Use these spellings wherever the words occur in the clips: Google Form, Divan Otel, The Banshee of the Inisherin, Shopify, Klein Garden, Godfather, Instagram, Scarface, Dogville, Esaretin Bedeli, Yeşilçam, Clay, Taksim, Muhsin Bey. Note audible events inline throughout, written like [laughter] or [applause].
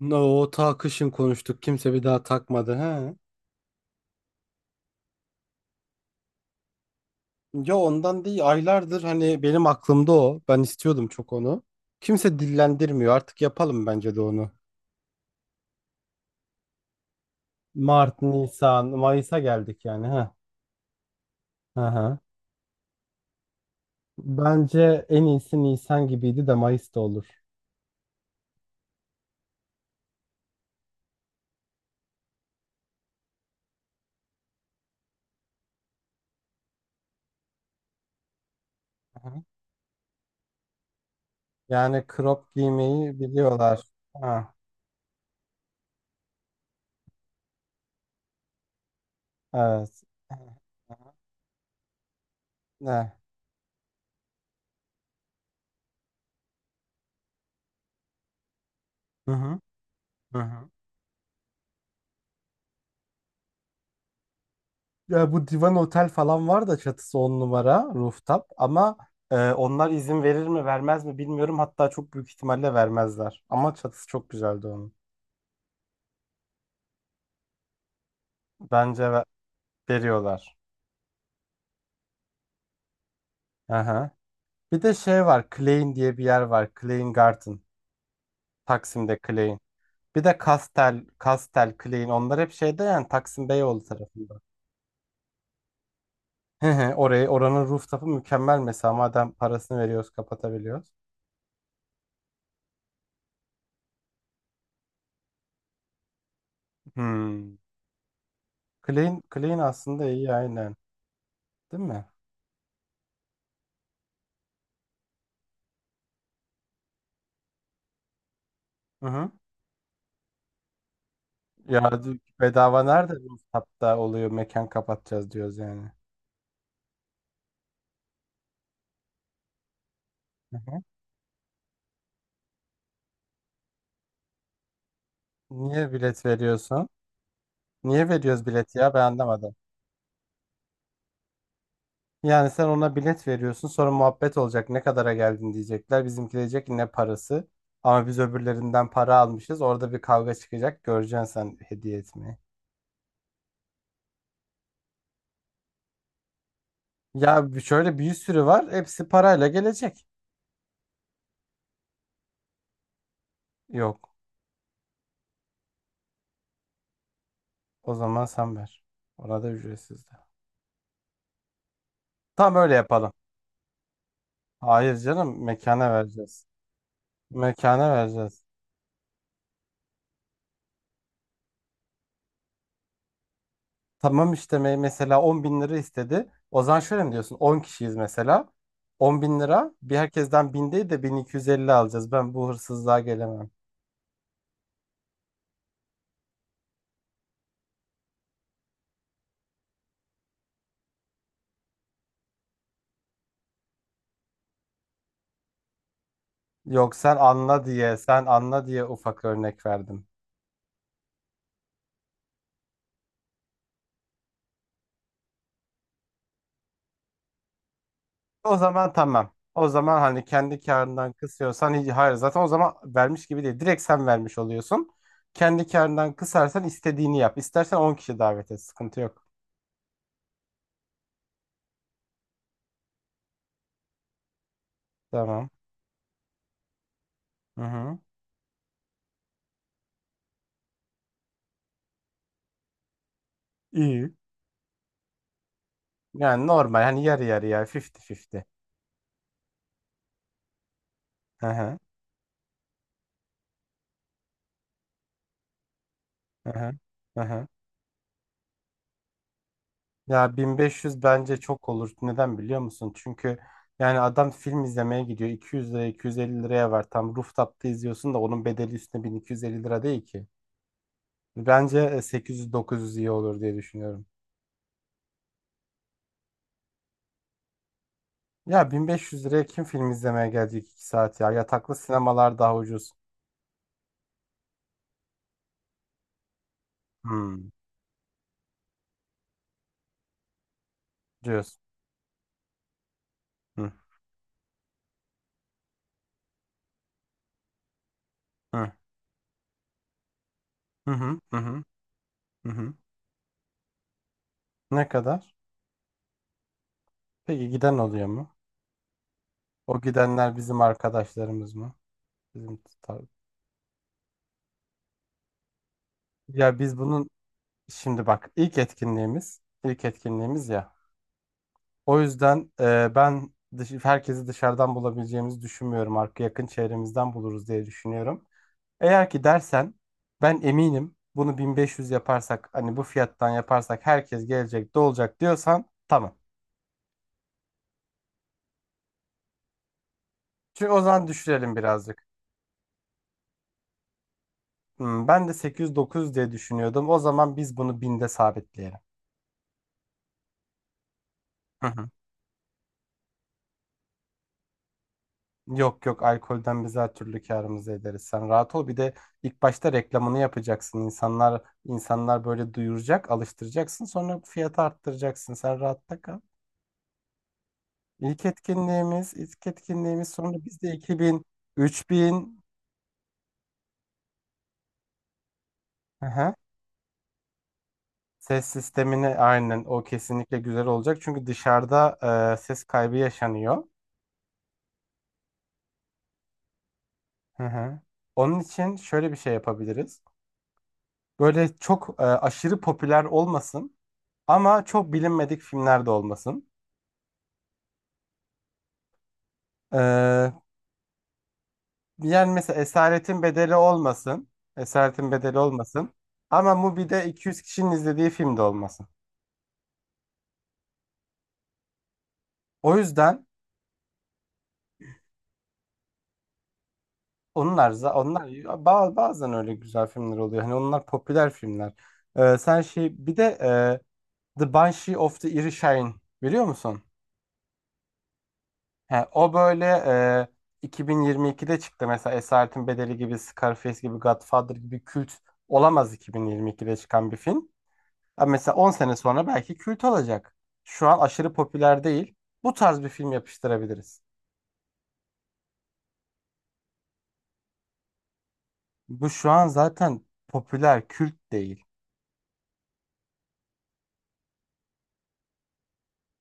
No, o ta kışın konuştuk. Kimse bir daha takmadı. He. Ya ondan değil. Aylardır hani benim aklımda o. Ben istiyordum çok onu. Kimse dillendirmiyor. Artık yapalım bence de onu. Mart, Nisan, Mayıs'a geldik yani. Ha. Aha. Bence en iyisi Nisan gibiydi de Mayıs da olur. Hı. Yani crop giymeyi biliyorlar. Ha. Evet. Aha. Ne? Hı hı. Hı hı. Ya bu Divan Otel falan var da çatısı on numara rooftop ama onlar izin verir mi vermez mi bilmiyorum. Hatta çok büyük ihtimalle vermezler. Ama çatısı çok güzeldi onun. Bence veriyorlar. Aha. Bir de şey var, Klein diye bir yer var. Klein Garden. Taksim'de Klein. Bir de Kastel, Kastel, Klein, onlar hep şeyde yani Taksim Beyoğlu tarafında. Hı hı. Oranın rooftop'u mükemmel mesela, madem parasını veriyoruz kapatabiliyoruz. Hmm. Klein, Klein aslında iyi aynen. Değil mi? Hı hı. Ya bedava nerede? Bu hatta oluyor, mekan kapatacağız diyoruz yani. Hı hı. Niye bilet veriyorsun? Niye veriyoruz bilet ya, ben anlamadım. Yani sen ona bilet veriyorsun, sonra muhabbet olacak, ne kadara geldin diyecekler. Bizimki diyecek ki ne parası. Ama biz öbürlerinden para almışız. Orada bir kavga çıkacak. Göreceksin sen hediye etmeyi. Ya şöyle bir sürü var. Hepsi parayla gelecek. Yok. O zaman sen ver. Ona da ücretsiz de. Tamam öyle yapalım. Hayır canım, mekana vereceğiz. Mekana vereceğiz. Tamam işte mesela 10 bin lira istedi. O zaman şöyle mi diyorsun? 10 kişiyiz mesela. 10 bin lira bir, herkesten bin değil de 1250 alacağız. Ben bu hırsızlığa gelemem. Yok, sen anla diye ufak örnek verdim. O zaman tamam. O zaman hani kendi karından kısıyorsan hiç, hayır zaten o zaman vermiş gibi değil. Direkt sen vermiş oluyorsun. Kendi karından kısarsan istediğini yap. İstersen 10 kişi davet et. Sıkıntı yok. Tamam. Hı hı. İyi. Yani normal, hani yarı yarıya, 50-50. Hı hı, hı hı, hı hı. Ya 1500 bence çok olur. Neden biliyor musun? Çünkü yani adam film izlemeye gidiyor. 200 liraya, 250 liraya var. Tam rooftop'ta izliyorsun da onun bedeli üstüne 1250 lira değil ki. Bence 800-900 iyi olur diye düşünüyorum. Ya 1500 liraya kim film izlemeye gelecek 2 saat ya? Yataklı sinemalar daha ucuz. Hmm, diyorsun. Hı hı, hı hı, hı hı. Hı hı. Ne kadar? Peki giden oluyor mu? O gidenler bizim arkadaşlarımız mı? Bizim tar- Ya biz bunun şimdi bak, ilk etkinliğimiz, ilk etkinliğimiz ya. O yüzden ben herkesi dışarıdan bulabileceğimizi düşünmüyorum. Yakın çevremizden buluruz diye düşünüyorum. Eğer ki dersen, ben eminim bunu 1500 yaparsak, hani bu fiyattan yaparsak herkes gelecek dolacak diyorsan, tamam. Çünkü o zaman düşürelim birazcık. Hmm, ben de 800-900 diye düşünüyordum. O zaman biz bunu 1000'de sabitleyelim. Hı hı. Yok yok, alkolden biz her türlü karımızı ederiz. Sen rahat ol. Bir de ilk başta reklamını yapacaksın. İnsanlar, insanlar böyle duyuracak, alıştıracaksın. Sonra fiyatı arttıracaksın. Sen rahatta kal. İlk etkinliğimiz, ilk etkinliğimiz. Sonra biz de 2000, 3000. Aha, ses sistemini aynen, o kesinlikle güzel olacak. Çünkü dışarıda ses kaybı yaşanıyor. Hı hı. Onun için şöyle bir şey yapabiliriz. Böyle çok aşırı popüler olmasın. Ama çok bilinmedik filmler de olmasın. Ee, Yani mesela Esaretin Bedeli olmasın. Esaretin Bedeli olmasın. Ama Mubi'de 200 kişinin izlediği film de olmasın. O yüzden onlar za- onlar ba- bazen öyle güzel filmler oluyor. Hani onlar popüler filmler. Sen şey, bir de The Banshee of the Inisherin biliyor musun? He, o böyle, 2022'de çıktı mesela. Esaretin Bedeli gibi, Scarface gibi, Godfather gibi kült olamaz 2022'de çıkan bir film. Abi mesela 10 sene sonra belki kült olacak. Şu an aşırı popüler değil. Bu tarz bir film yapıştırabiliriz. Bu şu an zaten popüler kült değil.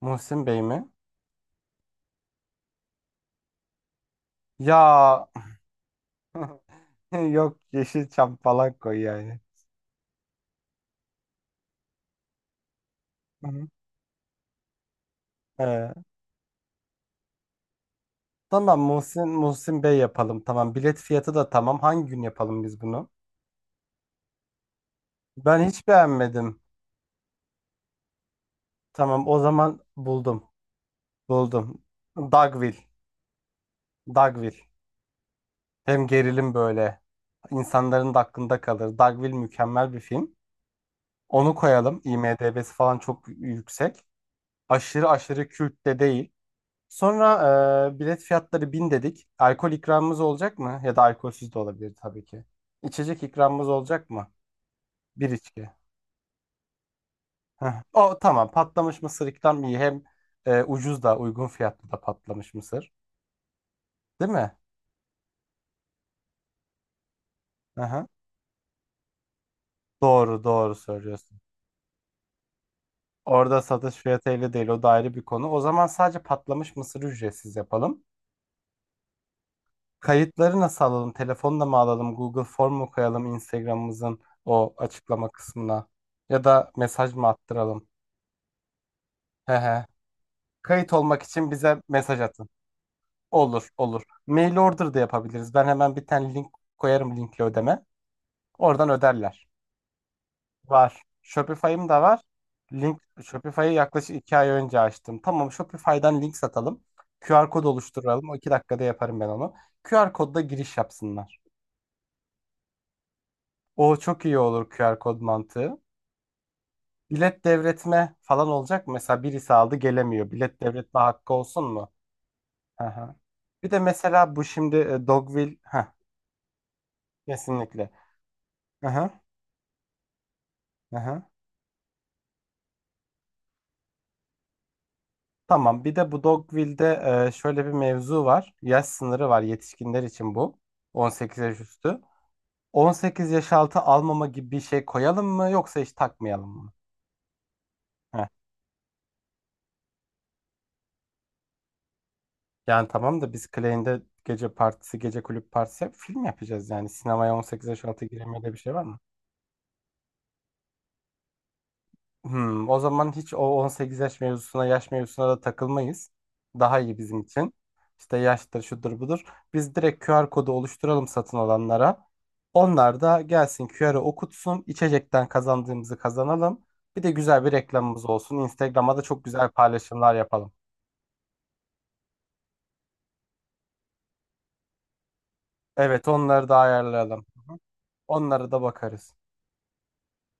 Muhsin Bey mi? Ya [laughs] yok, Yeşilçam falan koy yani. Hı hı. Ee, tamam, Muhsin Bey yapalım. Tamam, bilet fiyatı da tamam. Hangi gün yapalım biz bunu? Ben hiç beğenmedim. Tamam, o zaman buldum. Buldum. Dogville. Dogville. Hem gerilim böyle, insanların da aklında kalır. Dogville mükemmel bir film. Onu koyalım. IMDb'si falan çok yüksek. Aşırı aşırı kült de değil. Sonra bilet fiyatları 1000 dedik. Alkol ikramımız olacak mı? Ya da alkolsüz de olabilir tabii ki. İçecek ikramımız olacak mı? Bir içki. Heh. O tamam. Patlamış mısır ikram iyi. Hem ucuz da, uygun fiyatlı da patlamış mısır. Değil mi? Hı hı. Doğru doğru söylüyorsun. Orada satış fiyatıyla değil, o da ayrı bir konu. O zaman sadece patlamış mısırı ücretsiz yapalım. Kayıtları nasıl alalım? Telefonla mı alalım? Google Form mu koyalım Instagram'ımızın o açıklama kısmına? Ya da mesaj mı attıralım? He he. Kayıt olmak için bize mesaj atın. Olur olur. Mail order da yapabiliriz. Ben hemen bir tane link koyarım, linkli ödeme. Oradan öderler. Var. Shopify'ım da var. Shopify'ı yaklaşık 2 ay önce açtım. Tamam, Shopify'dan link satalım. QR kod oluşturalım. O 2 dakikada yaparım ben onu. QR kodla giriş yapsınlar. O çok iyi olur, QR kod mantığı. Bilet devretme falan olacak mı? Mesela birisi aldı gelemiyor. Bilet devretme hakkı olsun mu? Hı hı. Bir de mesela bu şimdi Dogville. Heh, kesinlikle. Hı hı. Hı hı. Tamam. Bir de bu Dogville'de şöyle bir mevzu var. Yaş sınırı var yetişkinler için bu. 18 yaş üstü. 18 yaş altı almama gibi bir şey koyalım mı yoksa hiç takmayalım mı? Heh. Yani tamam da biz Clay'inde gece partisi, gece kulüp partisi yap, film yapacağız yani. Sinemaya 18 yaş altı giremeye de bir şey var mı? Hmm, o zaman hiç o 18 yaş mevzusuna, yaş mevzusuna da takılmayız. Daha iyi bizim için. İşte yaştır, şudur, budur. Biz direkt QR kodu oluşturalım satın alanlara. Onlar da gelsin, QR'ı okutsun. İçecekten kazandığımızı kazanalım. Bir de güzel bir reklamımız olsun. Instagram'a da çok güzel paylaşımlar yapalım. Evet, onları da ayarlayalım. Onlara da bakarız.